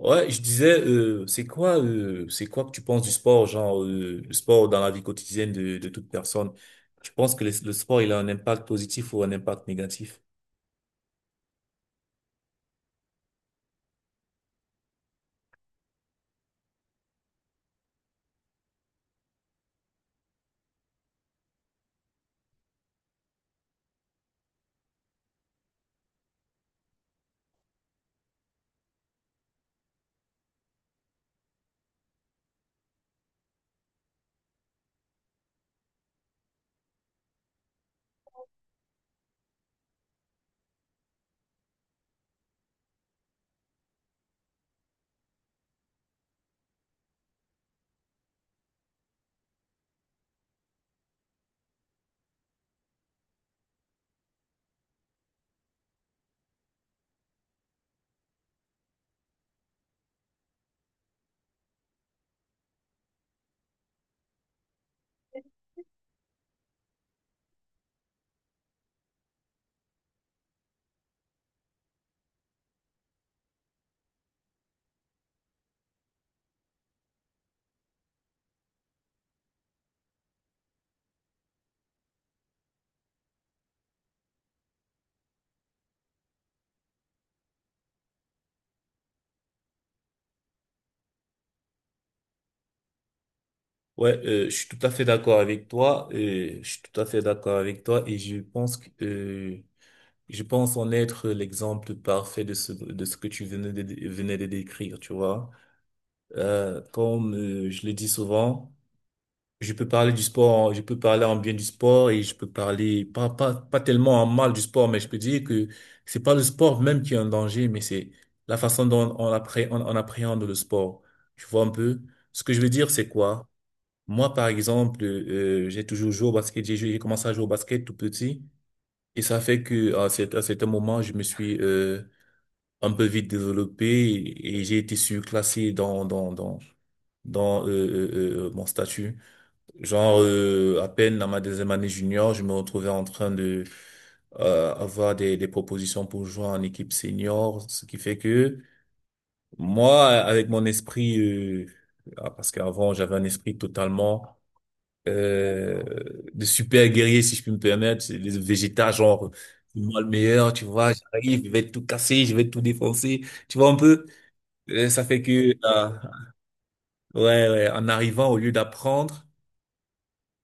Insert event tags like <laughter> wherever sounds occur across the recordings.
Ouais, je disais, c'est quoi que tu penses du sport, genre le sport dans la vie quotidienne de toute personne? Tu penses que le sport, il a un impact positif ou un impact négatif? Ouais, je suis tout à fait d'accord avec toi. Je suis tout à fait d'accord avec toi et je pense que je pense en être l'exemple parfait de ce que tu venais de décrire, tu vois. Comme je le dis souvent. Je peux parler du sport, je peux parler en bien du sport et je peux parler pas tellement en mal du sport, mais je peux dire que c'est pas le sport même qui est en danger, mais c'est la façon dont on appréhende le sport. Tu vois un peu? Ce que je veux dire, c'est quoi? Moi, par exemple, j'ai toujours joué au basket, j'ai commencé à jouer au basket tout petit et ça fait que à à certains moments, je me suis un peu vite développé et j'ai été surclassé dans mon statut. Genre, à peine dans ma deuxième année junior, je me retrouvais en train de avoir des propositions pour jouer en équipe senior, ce qui fait que moi, avec mon esprit, parce qu'avant j'avais un esprit totalement euh, de super guerrier, si je puis me permettre, c'est les végétas, genre moi le meilleur, tu vois, j'arrive, je vais tout casser, je vais tout défoncer, tu vois un peu. Euh, ça fait que, euh, ouais, ouais, en arrivant, au lieu d'apprendre,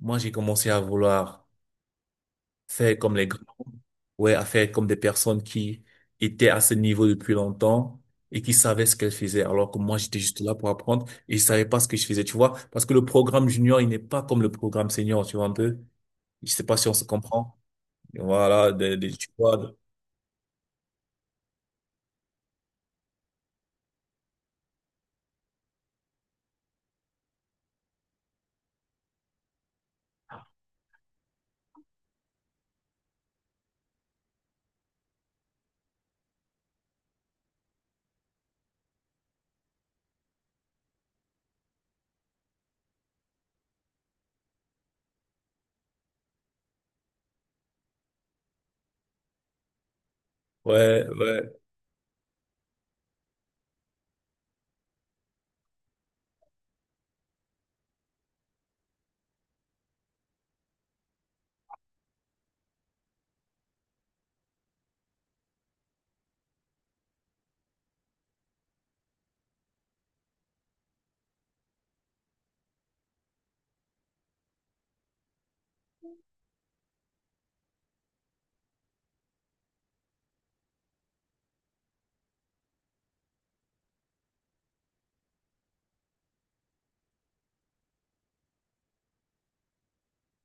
moi j'ai commencé à vouloir faire comme les grands, ouais, à faire comme des personnes qui étaient à ce niveau depuis longtemps et qui savaient ce qu'elles faisaient, alors que moi, j'étais juste là pour apprendre et je savais pas ce que je faisais, tu vois, parce que le programme junior, il n'est pas comme le programme senior, tu vois un peu. Je sais pas si on se comprend. Voilà, tu vois, ouais, ouais,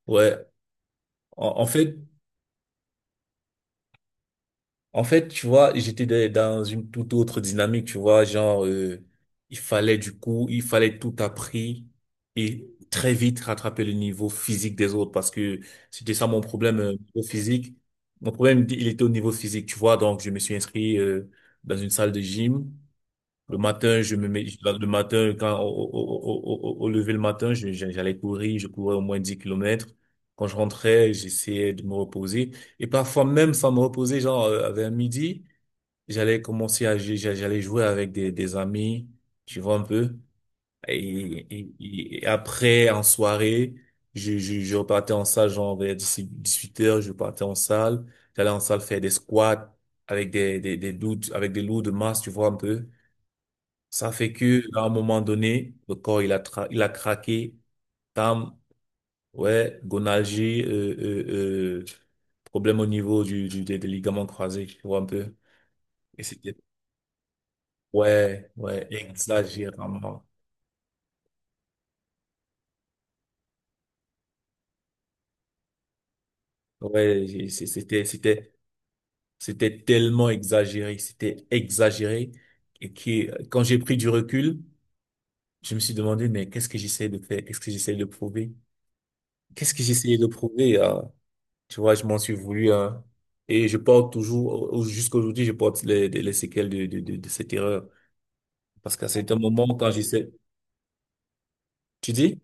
ouais. En, en fait, En fait, tu vois, j'étais dans une toute autre dynamique, tu vois, genre, il fallait du coup, il fallait tout appris et très vite rattraper le niveau physique des autres parce que c'était ça mon problème au physique. Mon problème, il était au niveau physique, tu vois, donc je me suis inscrit dans une salle de gym. Le matin, je me mets, le matin, quand, au, au, au, au- au lever le matin, j'allais courir, je courais au moins 10 km. Quand je rentrais, j'essayais de me reposer. Et parfois, même sans me reposer, genre, vers midi, j'allais commencer à, j'allais jouer avec des amis, tu vois un peu. Et, et après, en soirée, je repartais en salle, genre, vers 18h, je partais en salle. J'allais en salle faire des squats avec avec des lourds de masse, tu vois un peu. Ça fait que, à un moment donné, le corps, il a craqué. Tam, ouais, gonalgie, problème au niveau des ligaments croisés, tu vois un peu. Et c'était, ouais, ouais, exagérément. Ouais, j'ai- c'est- c'était, c'était, C'était tellement exagéré, c'était exagéré. Quand j'ai pris du recul, je me suis demandé, mais qu'est-ce que j'essaie de faire? Qu'est-ce que j'essaie de prouver? Qu'est-ce que j'essayais de prouver? Tu vois, je m'en suis voulu, hein. Et je porte toujours, jusqu'aujourd'hui, je porte les séquelles de cette erreur. Parce qu'à certains moments, quand j'essaie, tu dis?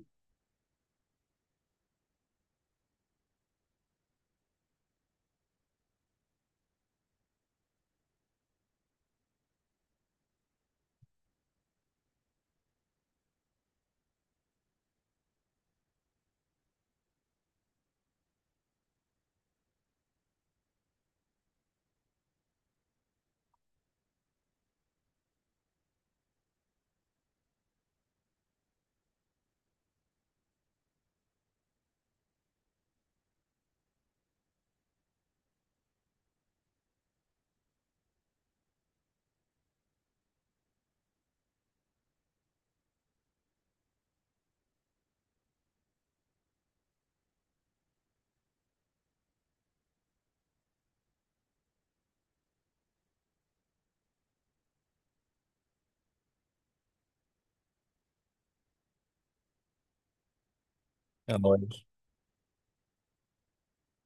Ah ouais.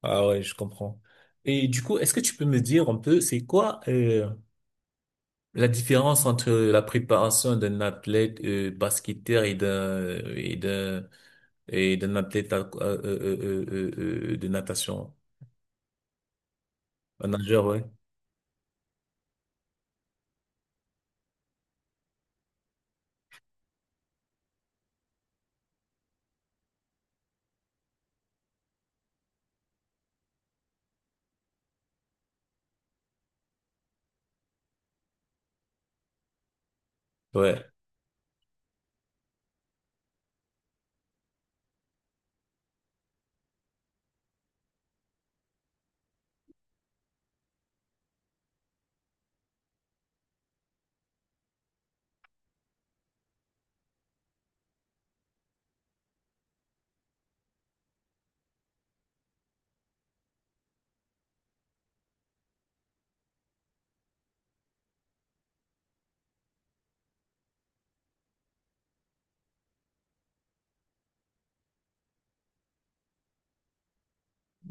Ah ouais, je comprends. Et du coup, est-ce que tu peux me dire un peu, c'est quoi la différence entre la préparation d'un athlète basketteur et d'un athlète de natation, un nageur, ouais, ouais,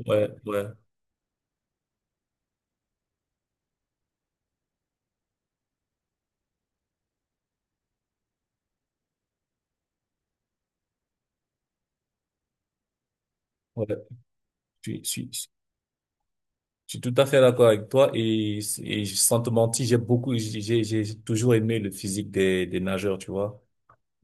ouais, ouais, ouais. Je suis, je suis- Je suis tout à fait d'accord avec toi et, sans te mentir, j'ai beaucoup, j'ai toujours aimé le physique des nageurs, tu vois.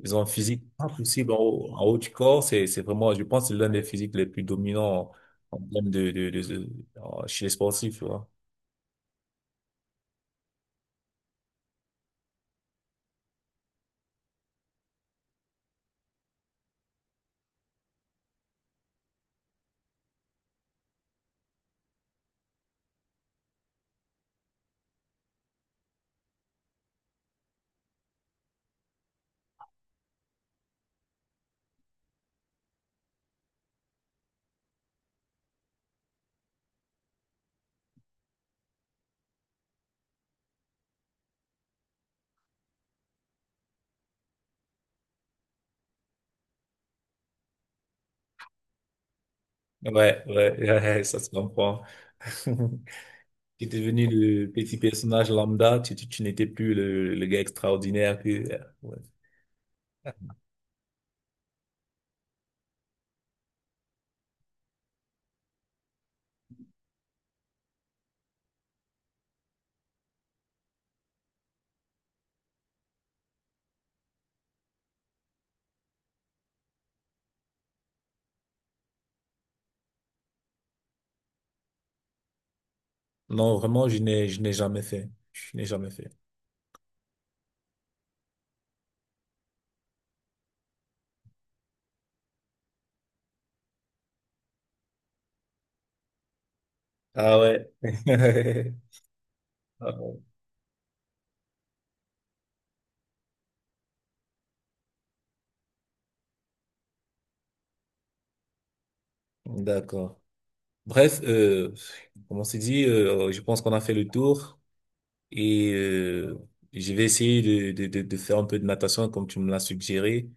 Ils ont un physique pas possible en haut du corps. C'est vraiment, je pense, que c'est l'un des physiques les plus dominants en, en termes de- en- chez les sportifs, tu vois. Ouais, ouais, <laughs> ouais, ça se comprend. <laughs> Tu es devenu le petit personnage lambda, tu n'étais plus le gars extraordinaire que, ouais. Non, vraiment, je n'ai jamais fait. Je n'ai jamais fait. Ah ouais. <laughs> D'accord. Bref, comme on s'est dit, je pense qu'on a fait le tour et je vais essayer de faire un peu de natation comme tu me l'as suggéré.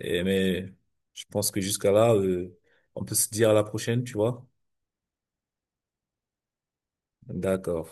Mais je pense que jusqu'à là, on peut se dire à la prochaine, tu vois? D'accord.